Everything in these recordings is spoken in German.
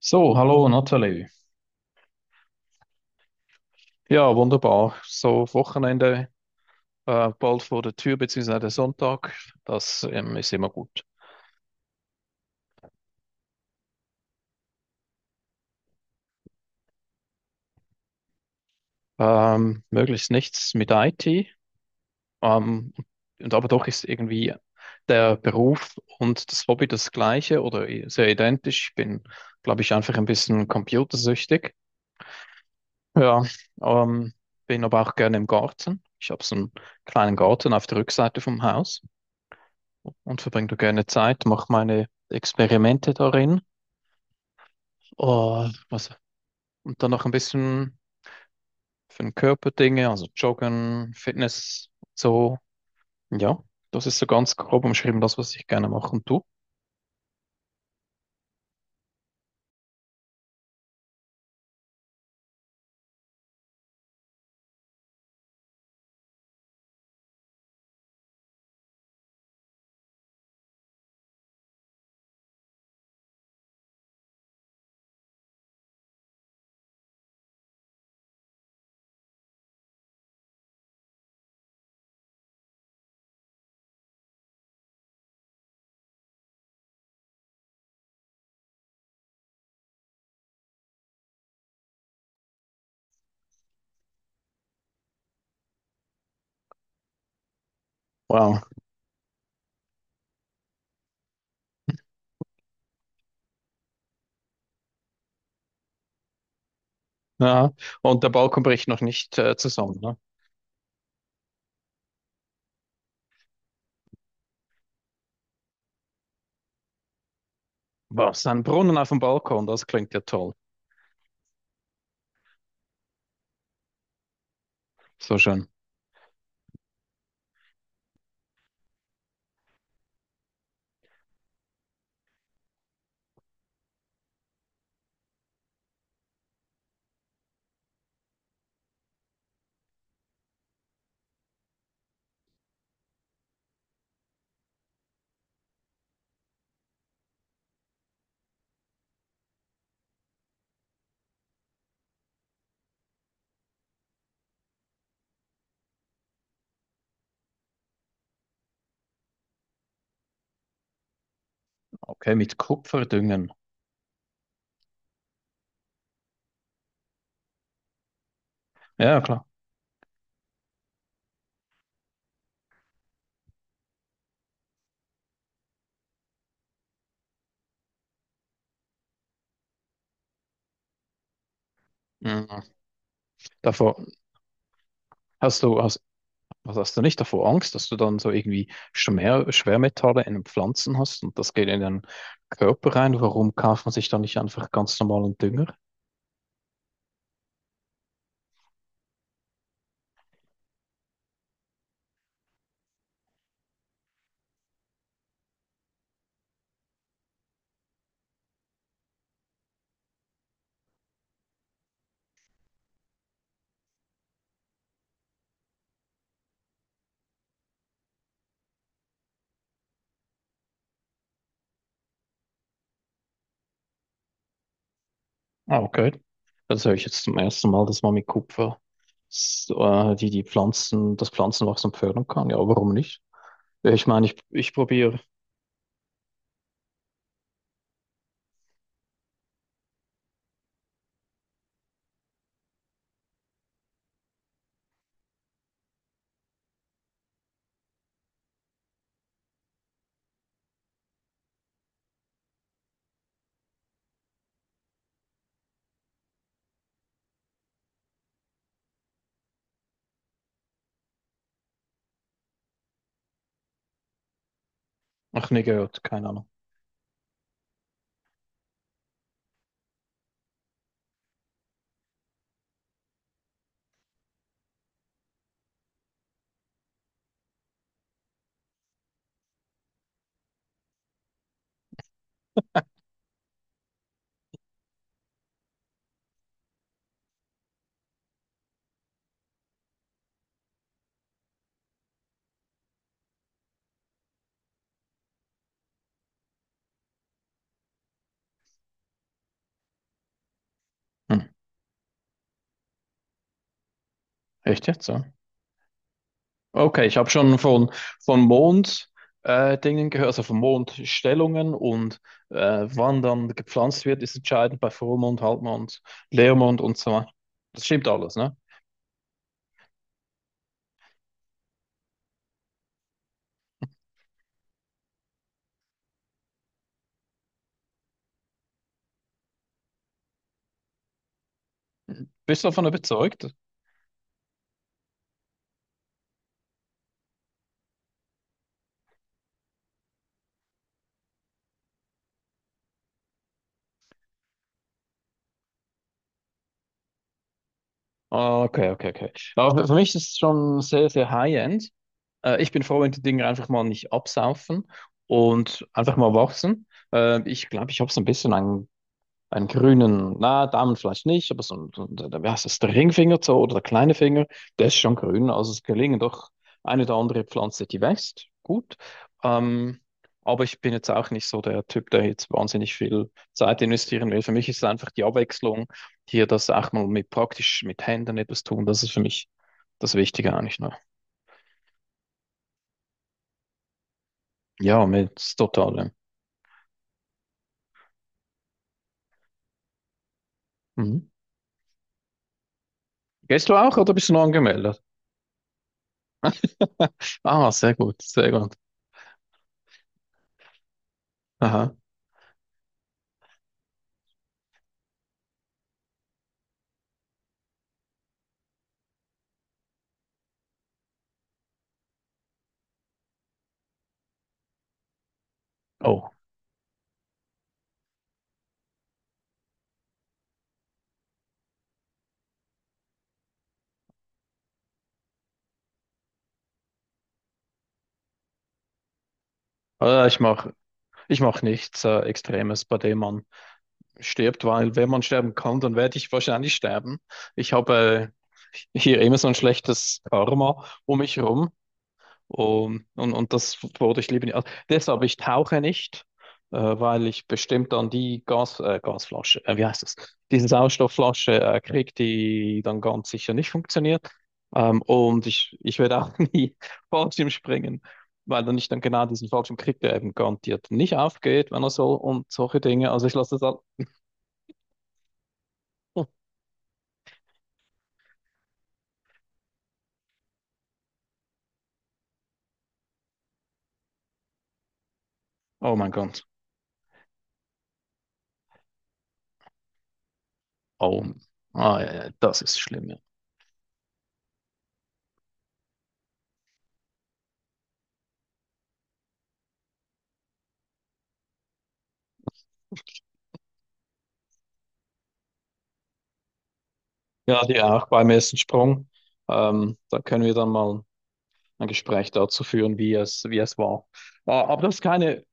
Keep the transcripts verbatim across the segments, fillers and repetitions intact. So, hallo Nathalie. Ja, wunderbar. So, Wochenende äh, bald vor der Tür, beziehungsweise der Sonntag, das ähm, ist immer gut. Ähm, möglichst nichts mit I T, ähm, und aber doch ist irgendwie der Beruf und das Hobby das gleiche oder i- sehr identisch. Ich bin, glaube ich, einfach ein bisschen computersüchtig. Ja, ähm, bin aber auch gerne im Garten. Ich habe so einen kleinen Garten auf der Rückseite vom Haus, und verbringe da gerne Zeit, mache meine Experimente darin. Oh, was, und dann noch ein bisschen für den Körper Dinge, also Joggen, Fitness, so. Ja, das ist so ganz grob umschrieben, das, was ich gerne mache. Und du? Wow. Ja, und der Balkon bricht noch nicht äh, zusammen, ne? Was? Ein Brunnen auf dem Balkon, das klingt ja toll. So schön. Okay, mit Kupfer düngen. Ja, klar. Mhm. Davor hast du, hast Also hast du nicht davor Angst, dass du dann so irgendwie Schwer Schwermetalle in den Pflanzen hast und das geht in den Körper rein? Warum kauft man sich da nicht einfach ganz normalen Dünger? Ah, okay. Das höre ich jetzt zum ersten Mal, dass man mit Kupfer s- äh, die, die Pflanzen, das Pflanzenwachstum fördern kann. Ja, warum nicht? Ja, ich meine, ich, ich probiere. Ach, nie gehört, keine Ahnung. Hm. Echt jetzt, ja? Okay, ich habe schon von, von Mond äh, Dingen gehört, also von Mondstellungen und äh, wann dann gepflanzt wird, ist entscheidend bei Vollmond, Halbmond, Leermond und so weiter. Das stimmt alles, ne? Bist du davon überzeugt? Ah, okay, okay, okay. Aber für mich ist es schon sehr, sehr high-end. Äh, ich bin froh, wenn die Dinge einfach mal nicht absaufen und einfach mal wachsen. Äh, ich glaube, ich habe so ein bisschen ein einen grünen, na, Daumen vielleicht nicht, aber so ein, so ein- wie heißt das, der Ringfinger so, oder der kleine Finger, der ist schon grün. Also es gelingen doch eine oder andere Pflanze, die wächst. Gut. Ähm, aber ich bin jetzt auch nicht so der Typ, der jetzt wahnsinnig viel Zeit investieren will. Für mich ist es einfach die Abwechslung, hier das auch mal mit praktisch mit Händen etwas tun. Das ist für mich das Wichtige eigentlich noch. Ja, mit totalem. Mhm. Gehst du auch oder bist du noch angemeldet? Ah, sehr gut, sehr gut. Aha. Oh, äh, ich mach, ich mache nichts äh, Extremes, bei dem man stirbt, weil wenn man sterben kann, dann werde ich wahrscheinlich sterben. Ich habe äh, hier immer so ein schlechtes Karma um mich herum. Um, und, und das wurde ich lieber nicht. Also deshalb, ich tauche nicht, äh, weil ich bestimmt dann die Gas, äh, Gasflasche, äh, wie heißt das? Diese Sauerstoffflasche äh, kriege, die dann ganz sicher nicht funktioniert. Ähm, und ich, ich werde auch nie Fallschirm springen, weil dann ich dann genau diesen Fallschirm kriege, der eben garantiert nicht aufgeht, wenn er soll und solche Dinge. Also ich lasse das halt. Oh, oh mein Gott. Oh, ah, ja, ja, das ist schlimm. Ja, ja, die auch beim ersten Sprung. Ähm, da können wir dann mal. ein Gespräch dazu führen, wie es, wie es war. Äh, aber das ist keine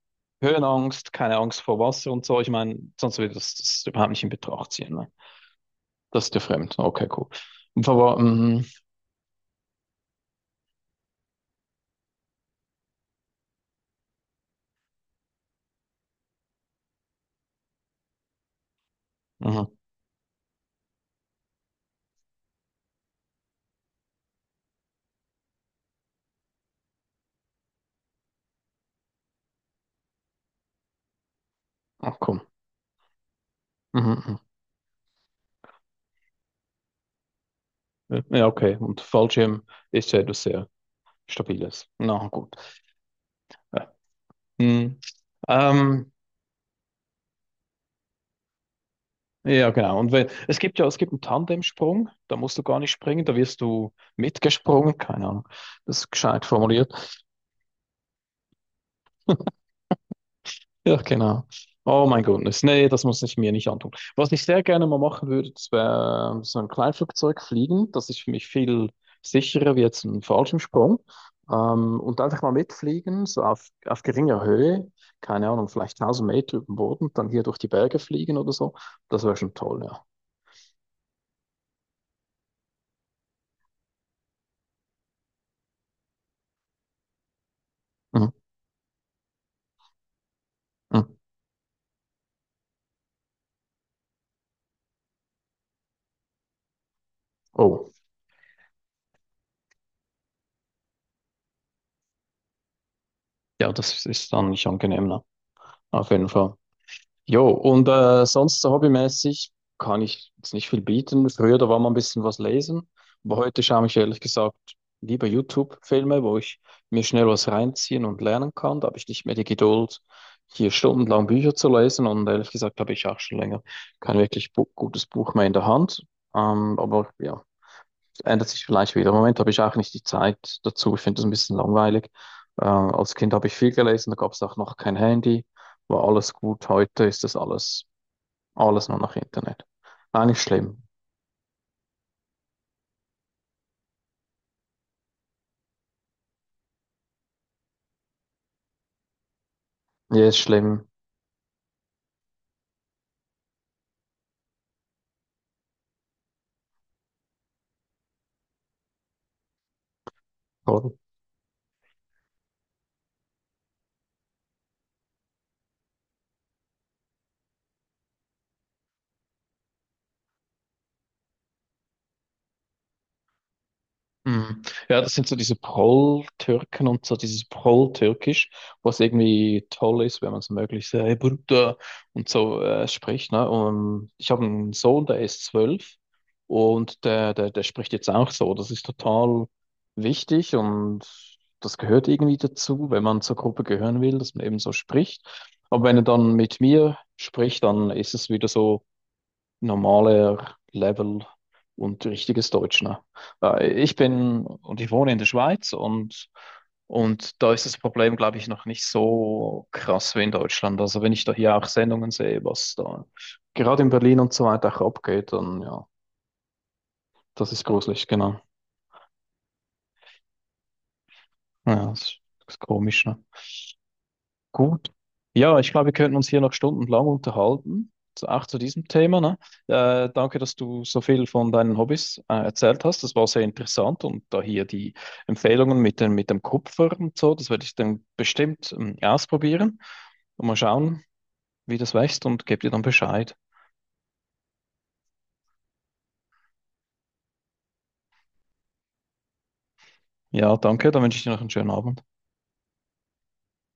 Höhenangst, keine Angst vor Wasser und so. Ich meine, sonst würde das, das überhaupt nicht in Betracht ziehen. Ne? Das ist dir fremd. Okay, cool. Und Aber, mhm, mhm. Ach komm. Mhm, mhm. Ja, okay. Und Fallschirm ist ja etwas sehr Stabiles. Na gut. Ja. Mhm. Ähm, ja, genau. Und wenn, es gibt ja, es gibt einen Tandemsprung, da musst du gar nicht springen, da wirst du mitgesprungen, keine Ahnung. Das ist gescheit formuliert. Ja, genau. Oh mein Gott, nee, das muss ich mir nicht antun. Was ich sehr gerne mal machen würde, das wäre so ein Kleinflugzeug fliegen. Das ist für mich viel sicherer wie jetzt ein Fallschirmsprung. Ähm, und einfach mal mitfliegen, so auf, auf geringer Höhe, keine Ahnung, vielleicht tausend Meter über dem Boden, dann hier durch die Berge fliegen oder so. Das wäre schon toll, ja. Mhm. Mhm. Oh, ja, das ist dann nicht angenehm, ne? Auf jeden Fall. Jo, und äh, sonst so hobbymäßig kann ich jetzt nicht viel bieten. Früher, da war mal ein bisschen was lesen, aber heute schaue ich ehrlich gesagt lieber YouTube-Filme, wo ich mir schnell was reinziehen und lernen kann. Da habe ich nicht mehr die Geduld, hier stundenlang Bücher zu lesen und ehrlich gesagt habe ich auch schon länger kein wirklich bu gutes Buch mehr in der Hand. Ähm, aber ja, ändert sich vielleicht wieder. Im Moment habe ich auch nicht die Zeit dazu. Ich finde das ein bisschen langweilig. Äh, als Kind habe ich viel gelesen, da gab es auch noch kein Handy, war alles gut. Heute ist das alles, alles nur noch Internet. Eigentlich schlimm. Ja, ist schlimm. Oder? Mhm. Ja, das sind so diese Prol-Türken und so dieses Prol-Türkisch, was irgendwie toll ist, wenn man es möglichst äh, hey, Bruder und so äh, spricht. Ne? Und ich habe einen Sohn, der ist zwölf und der, der, der spricht jetzt auch so. Das ist total wichtig und das gehört irgendwie dazu, wenn man zur Gruppe gehören will, dass man eben so spricht. Aber wenn er dann mit mir spricht, dann ist es wieder so normaler Level und richtiges Deutsch, ne? Äh, Ich bin und ich wohne in der Schweiz und, und da ist das Problem, glaube ich, noch nicht so krass wie in Deutschland. Also wenn ich da hier auch Sendungen sehe, was da gerade in Berlin und so weiter auch abgeht, dann ja, das ist gruselig, genau. Ja, das ist, das ist komisch, ne? Gut. Ja, ich glaube, wir könnten uns hier noch stundenlang unterhalten, zu- auch zu diesem Thema, ne? Äh, danke, dass du so viel von deinen Hobbys äh, erzählt hast. Das war sehr interessant und da hier die Empfehlungen mit dem, mit dem Kupfer und so, das werde ich dann bestimmt ähm, ausprobieren und mal schauen, wie das wächst und gebe dir dann Bescheid. Ja, danke, dann wünsche ich dir noch einen schönen Abend.